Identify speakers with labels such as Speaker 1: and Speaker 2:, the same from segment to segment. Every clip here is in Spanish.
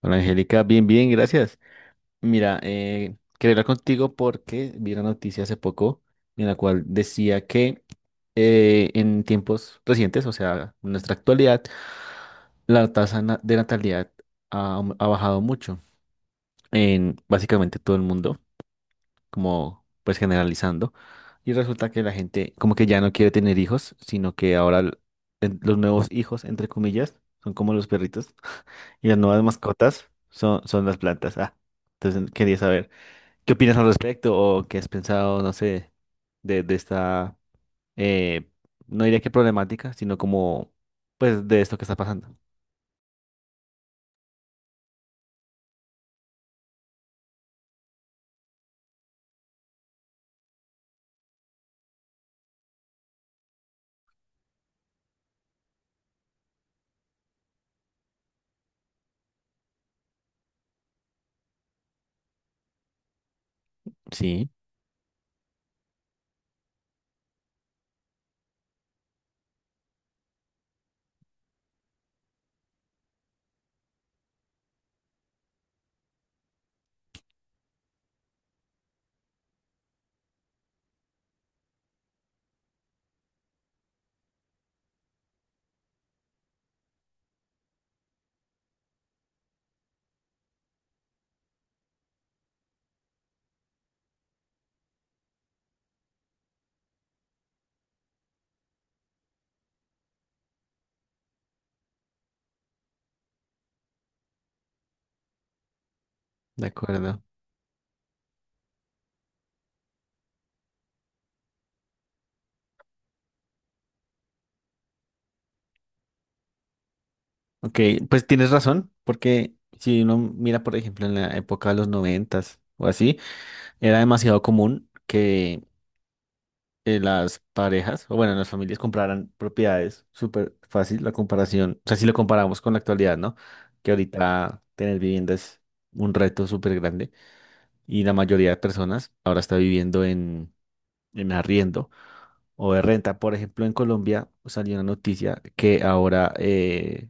Speaker 1: Hola Angélica, bien, bien, gracias. Mira, quería hablar contigo porque vi una noticia hace poco en la cual decía que en tiempos recientes, o sea, en nuestra actualidad, la de natalidad ha bajado mucho en básicamente todo el mundo, como pues generalizando, y resulta que la gente como que ya no quiere tener hijos, sino que ahora los nuevos hijos, entre comillas, son como los perritos, y las nuevas mascotas son, son las plantas. Ah, entonces quería saber, ¿qué opinas al respecto o qué has pensado, no sé, de esta, eh, no diría que problemática, sino como, pues, de esto que está pasando? Sí, de acuerdo. Ok, pues tienes razón, porque si uno mira, por ejemplo, en la época de los noventas o así, era demasiado común que las parejas, o bueno, las familias compraran propiedades. Súper fácil la comparación. O sea, si lo comparamos con la actualidad, ¿no? Que ahorita tener vivienda es un reto súper grande. Y la mayoría de personas ahora está viviendo en arriendo o de renta. Por ejemplo, en Colombia salió una noticia que ahora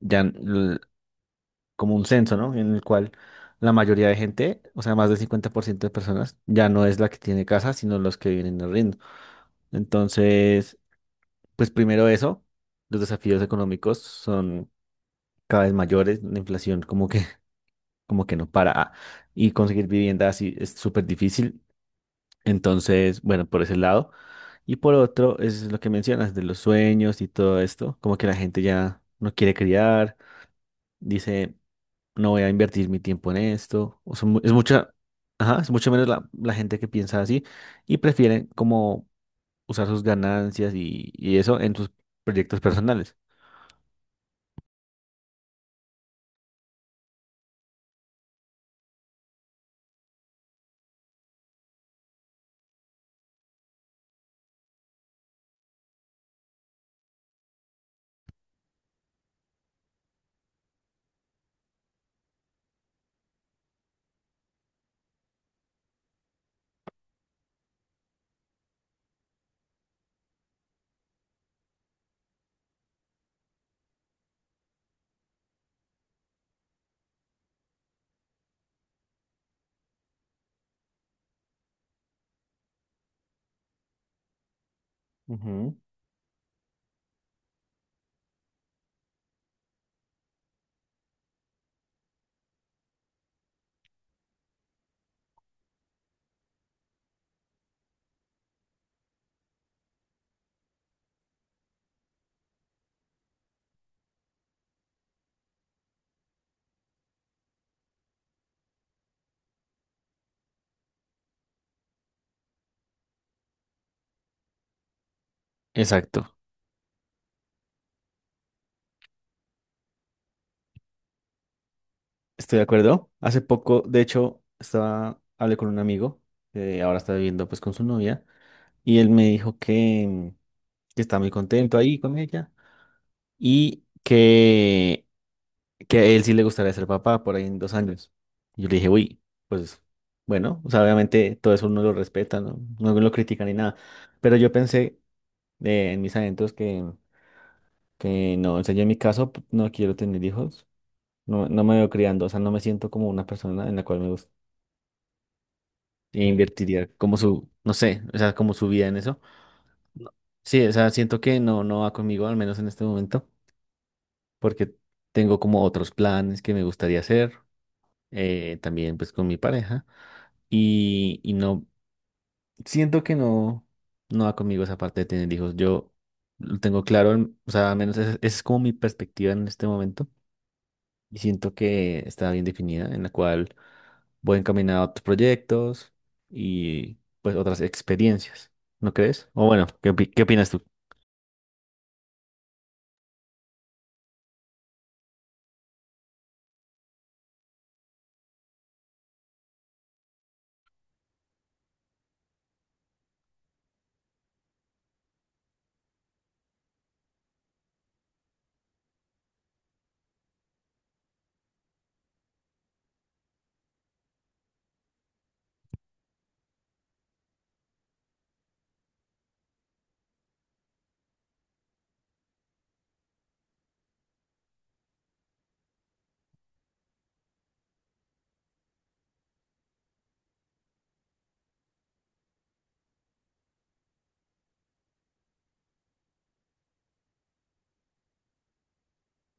Speaker 1: ya l- como un censo, ¿no? En el cual la mayoría de gente, o sea, más del 50% de personas, ya no es la que tiene casa, sino los que viven en arriendo. Entonces, pues primero eso, los desafíos económicos son cada vez mayores, la inflación como que, como que no para ah, y conseguir vivienda así es súper difícil. Entonces, bueno, por ese lado. Y por otro, es lo que mencionas de los sueños y todo esto, como que la gente ya no quiere criar, dice, no voy a invertir mi tiempo en esto. O sea, es mucha, ajá, es mucho menos la gente que piensa así y prefieren como usar sus ganancias y eso en sus proyectos personales. Ujú. Exacto. Estoy de acuerdo. Hace poco, de hecho, estaba, hablé con un amigo que ahora está viviendo pues con su novia y él me dijo que está muy contento ahí con ella y que a él sí le gustaría ser papá por ahí en 2 años. Y yo le dije, uy, pues bueno, o sea, obviamente todo eso uno lo respeta, no, no lo critica ni nada, pero yo pensé en mis adentros que no, o sea, yo en mi caso no quiero tener hijos, no, no me veo criando, o sea, no me siento como una persona en la cual me gusta, invertiría como su, no sé, o sea, como su vida en eso. No. Sí, o sea, siento que no, no va conmigo, al menos en este momento, porque tengo como otros planes que me gustaría hacer, también pues con mi pareja, y no, siento que no, no va conmigo esa parte de tener hijos, yo lo tengo claro, en- o sea, al menos esa es como mi perspectiva en este momento y siento que está bien definida, en la cual voy encaminado a otros proyectos y pues otras experiencias, ¿no crees? O bueno, ¿qué, qué opinas tú?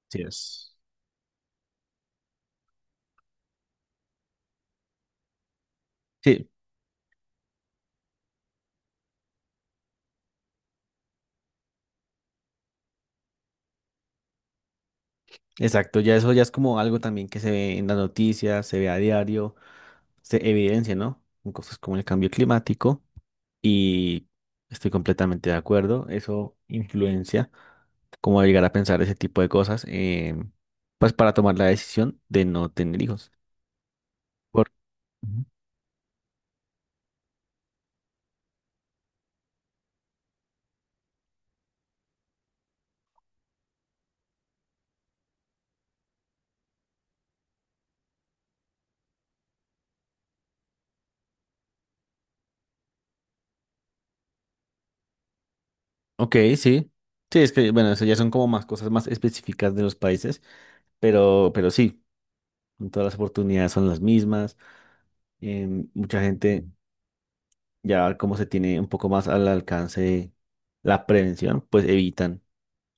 Speaker 1: Sí es. Sí, exacto, ya eso ya es como algo también que se ve en las noticias, se ve a diario, se evidencia, ¿no? En cosas como el cambio climático y estoy completamente de acuerdo, eso influencia como a llegar a pensar ese tipo de cosas, pues para tomar la decisión de no tener hijos. Por- Ujú. Ok, sí. Sí, es que, bueno, eso ya son como más cosas más específicas de los países, pero sí, todas las oportunidades son las mismas. Mucha gente, ya como se tiene un poco más al alcance la prevención, pues evitan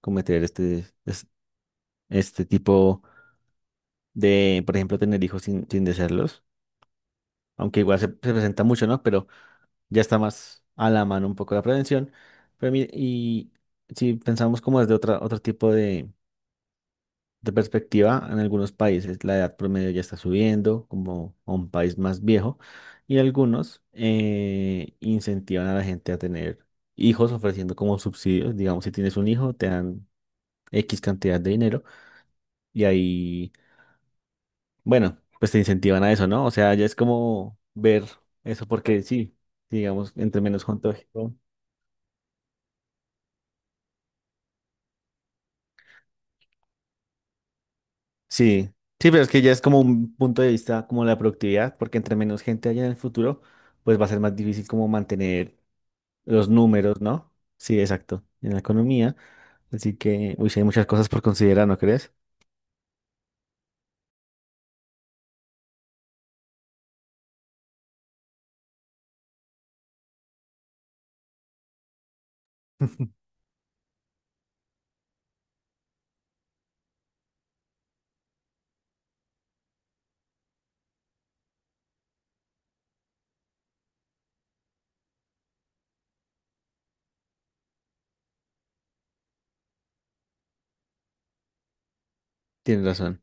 Speaker 1: cometer este, este tipo de, por ejemplo, tener hijos sin, sin desearlos, aunque igual se, se presenta mucho, ¿no? Pero ya está más a la mano un poco la prevención. Pero, y si pensamos como desde otra, otro tipo de perspectiva, en algunos países la edad promedio ya está subiendo, como a un país más viejo, y algunos incentivan a la gente a tener hijos ofreciendo como subsidios. Digamos, si tienes un hijo, te dan X cantidad de dinero y ahí, bueno, pues te incentivan a eso, ¿no? O sea, ya es como ver eso porque sí, digamos, entre menos contagio. Sí, sí, pero es que ya es como un punto de vista como la productividad, porque entre menos gente haya en el futuro, pues va a ser más difícil como mantener los números, ¿no? Sí, exacto, en la economía. Así que, uy, sí, hay muchas cosas por considerar, ¿no crees? Tienes razón.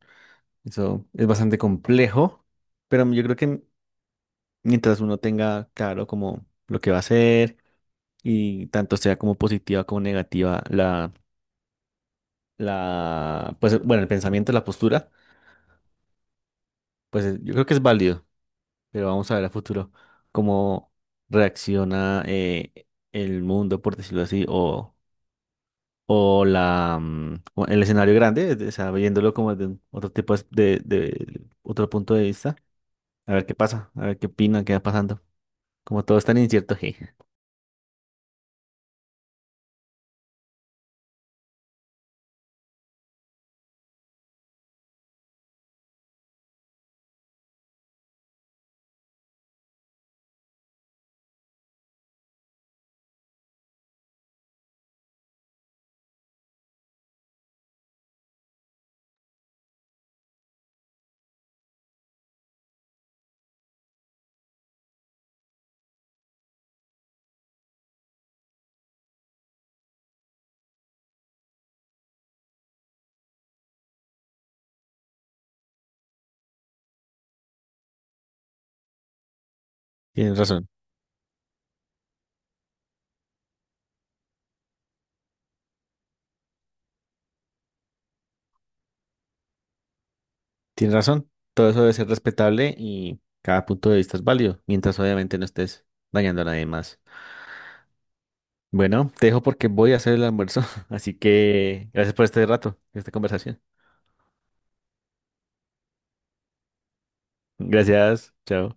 Speaker 1: Eso es bastante complejo, pero yo creo que mientras uno tenga claro como lo que va a hacer y tanto sea como positiva como negativa la, pues bueno, el pensamiento, la postura, pues yo creo que es válido, pero vamos a ver a futuro cómo reacciona el mundo, por decirlo así, o la, mm, o el escenario grande, de- o sea, viéndolo como de un- otro tipo de otro punto de vista, a ver qué pasa, a ver qué opinan, qué va pasando. Como todo es tan incierto, je. Tienes razón, tienes razón. Todo eso debe ser respetable y cada punto de vista es válido, mientras obviamente no estés dañando a nadie más. Bueno, te dejo porque voy a hacer el almuerzo, así que gracias por este rato, esta conversación. Gracias, chao.